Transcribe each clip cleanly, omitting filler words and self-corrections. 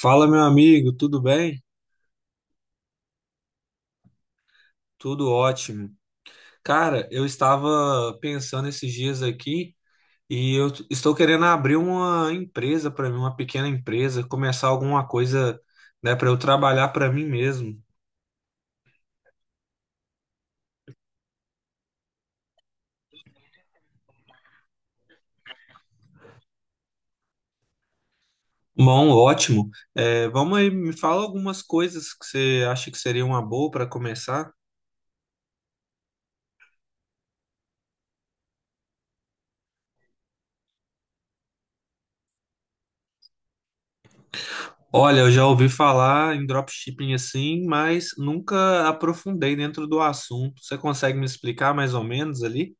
Fala, meu amigo, tudo bem? Tudo ótimo. Cara, eu estava pensando esses dias aqui e estou querendo abrir uma empresa para mim, uma pequena empresa, começar alguma coisa, né, para eu trabalhar para mim mesmo. Bom, ótimo. É, vamos aí, me fala algumas coisas que você acha que seria uma boa para começar. Olha, eu já ouvi falar em dropshipping assim, mas nunca aprofundei dentro do assunto. Você consegue me explicar mais ou menos ali?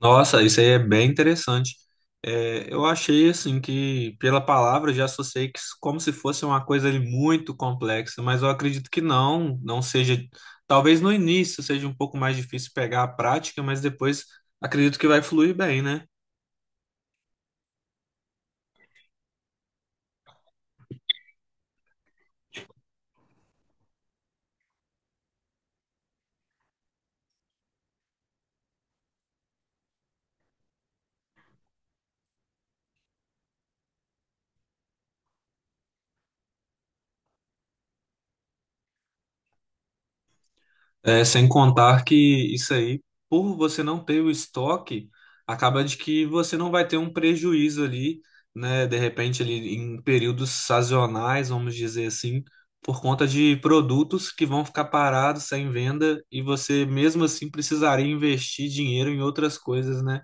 Nossa, isso aí é bem interessante. É, eu achei assim que pela palavra eu já associei como se fosse uma coisa ali muito complexa, mas eu acredito que não, não seja. Talvez no início seja um pouco mais difícil pegar a prática, mas depois acredito que vai fluir bem, né? É, sem contar que isso aí, por você não ter o estoque, acaba de que você não vai ter um prejuízo ali, né? De repente, ali em períodos sazonais, vamos dizer assim, por conta de produtos que vão ficar parados sem venda e você mesmo assim precisaria investir dinheiro em outras coisas, né?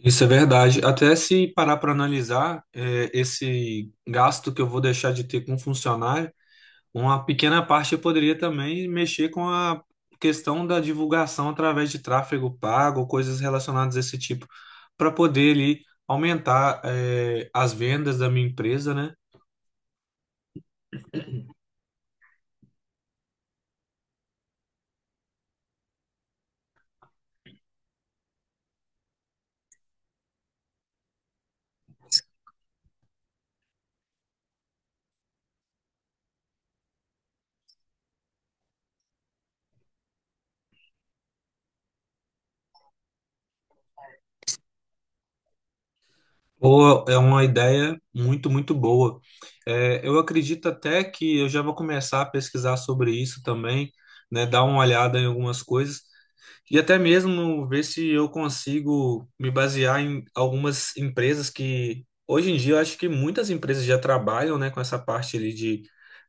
Isso é verdade. Até se parar para analisar, é, esse gasto que eu vou deixar de ter com um funcionário. Uma pequena parte eu poderia também mexer com a questão da divulgação através de tráfego pago, coisas relacionadas a esse tipo, para poder ali aumentar as vendas da minha empresa, né? Ou é uma ideia muito, muito boa. Eu acredito até que eu já vou começar a pesquisar sobre isso também, né? Dar uma olhada em algumas coisas, e até mesmo ver se eu consigo me basear em algumas empresas que, hoje em dia, eu acho que muitas empresas já trabalham, né, com essa parte ali de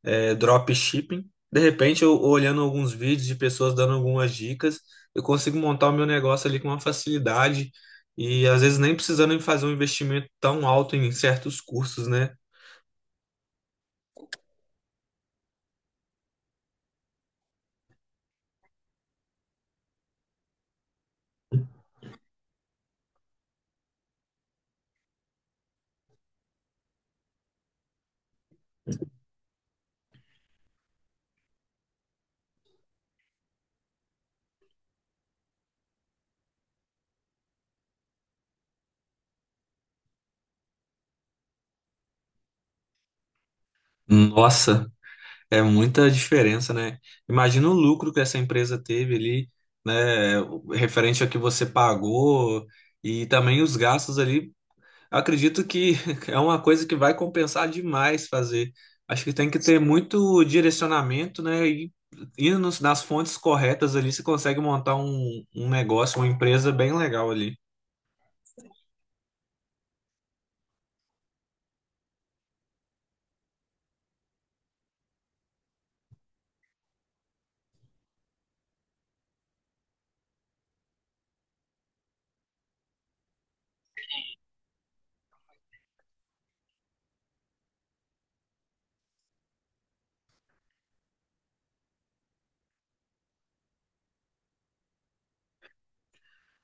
dropshipping. De repente, eu olhando alguns vídeos de pessoas dando algumas dicas, eu consigo montar o meu negócio ali com uma facilidade e, às vezes, nem precisando fazer um investimento tão alto em certos cursos, né? Nossa, é muita diferença, né? Imagina o lucro que essa empresa teve ali, né? Referente ao que você pagou e também os gastos ali. Acredito que é uma coisa que vai compensar demais fazer. Acho que tem que ter muito direcionamento, né? E indo nas fontes corretas ali, você consegue montar um negócio, uma empresa bem legal ali.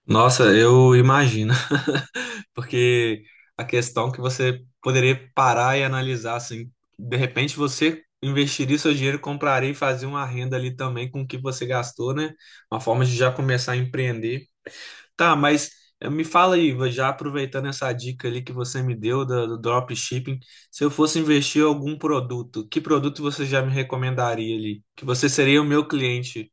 Nossa, eu imagino. Porque a questão que você poderia parar e analisar, assim, de repente você investiria seu dinheiro, compraria e fazer uma renda ali também com o que você gastou, né? Uma forma de já começar a empreender. Tá, mas me fala aí, já aproveitando essa dica ali que você me deu do dropshipping, se eu fosse investir em algum produto, que produto você já me recomendaria ali? Que você seria o meu cliente?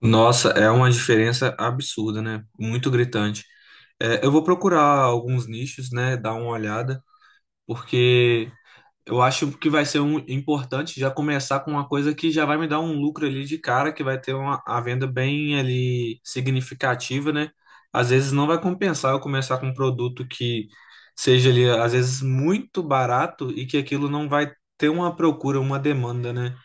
Nossa, é uma diferença absurda, né? Muito gritante. É, eu vou procurar alguns nichos, né? Dar uma olhada, porque eu acho que vai ser importante já começar com uma coisa que já vai me dar um lucro ali de cara, que vai ter uma a venda bem ali significativa, né? Às vezes não vai compensar eu começar com um produto que seja ali, às vezes, muito barato e que aquilo não vai ter uma procura, uma demanda, né?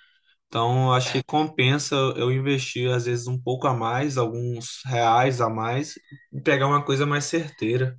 Então, acho que compensa eu investir, às vezes, um pouco a mais, alguns reais a mais, e pegar uma coisa mais certeira.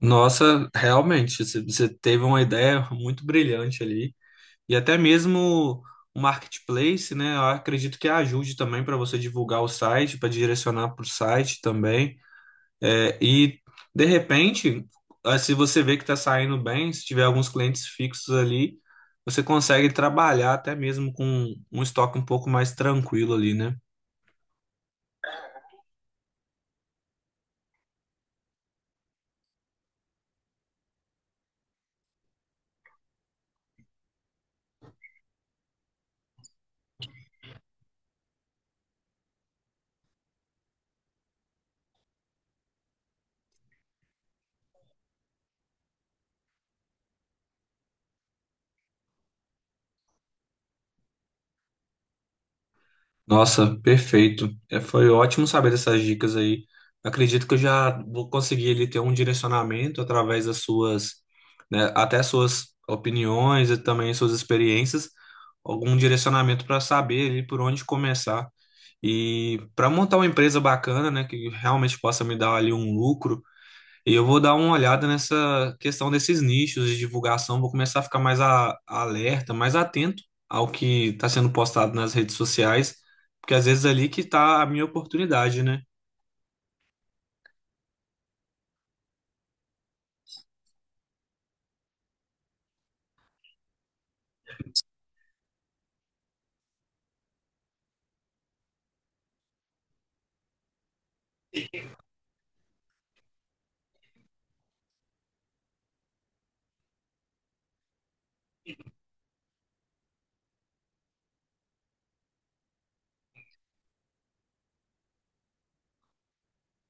Nossa, realmente, você teve uma ideia muito brilhante ali. E até mesmo o marketplace, né? Eu acredito que ajude também para você divulgar o site, para direcionar para o site também. É, e de repente, ah, se você vê que está saindo bem, se tiver alguns clientes fixos ali, você consegue trabalhar até mesmo com um estoque um pouco mais tranquilo ali, né? Nossa, perfeito. É, foi ótimo saber dessas dicas aí. Acredito que eu já vou conseguir ali ter um direcionamento através das suas, né, até suas opiniões e também suas experiências, algum direcionamento para saber ali por onde começar. E para montar uma empresa bacana, né, que realmente possa me dar ali um lucro. E eu vou dar uma olhada nessa questão desses nichos de divulgação, vou começar a ficar mais alerta, mais atento ao que está sendo postado nas redes sociais, porque às vezes é ali que está a minha oportunidade, né?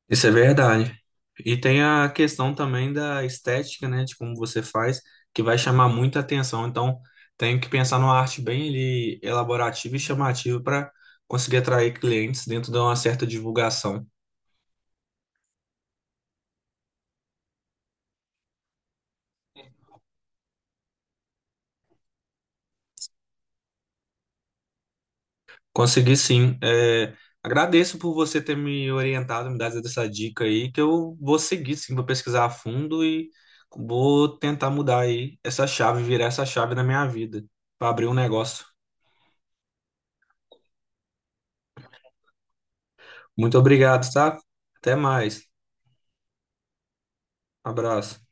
Isso é verdade. E tem a questão também da estética, né, de como você faz, que vai chamar muita atenção. Então, tenho que pensar numa arte bem ali elaborativa e chamativa para conseguir atrair clientes dentro de uma certa divulgação. Consegui sim. É, agradeço por você ter me orientado, me dado essa dica aí, que eu vou seguir sim, vou pesquisar a fundo e vou tentar mudar aí essa chave, virar essa chave na minha vida, para abrir um negócio. Muito obrigado, tá? Até mais. Abraço.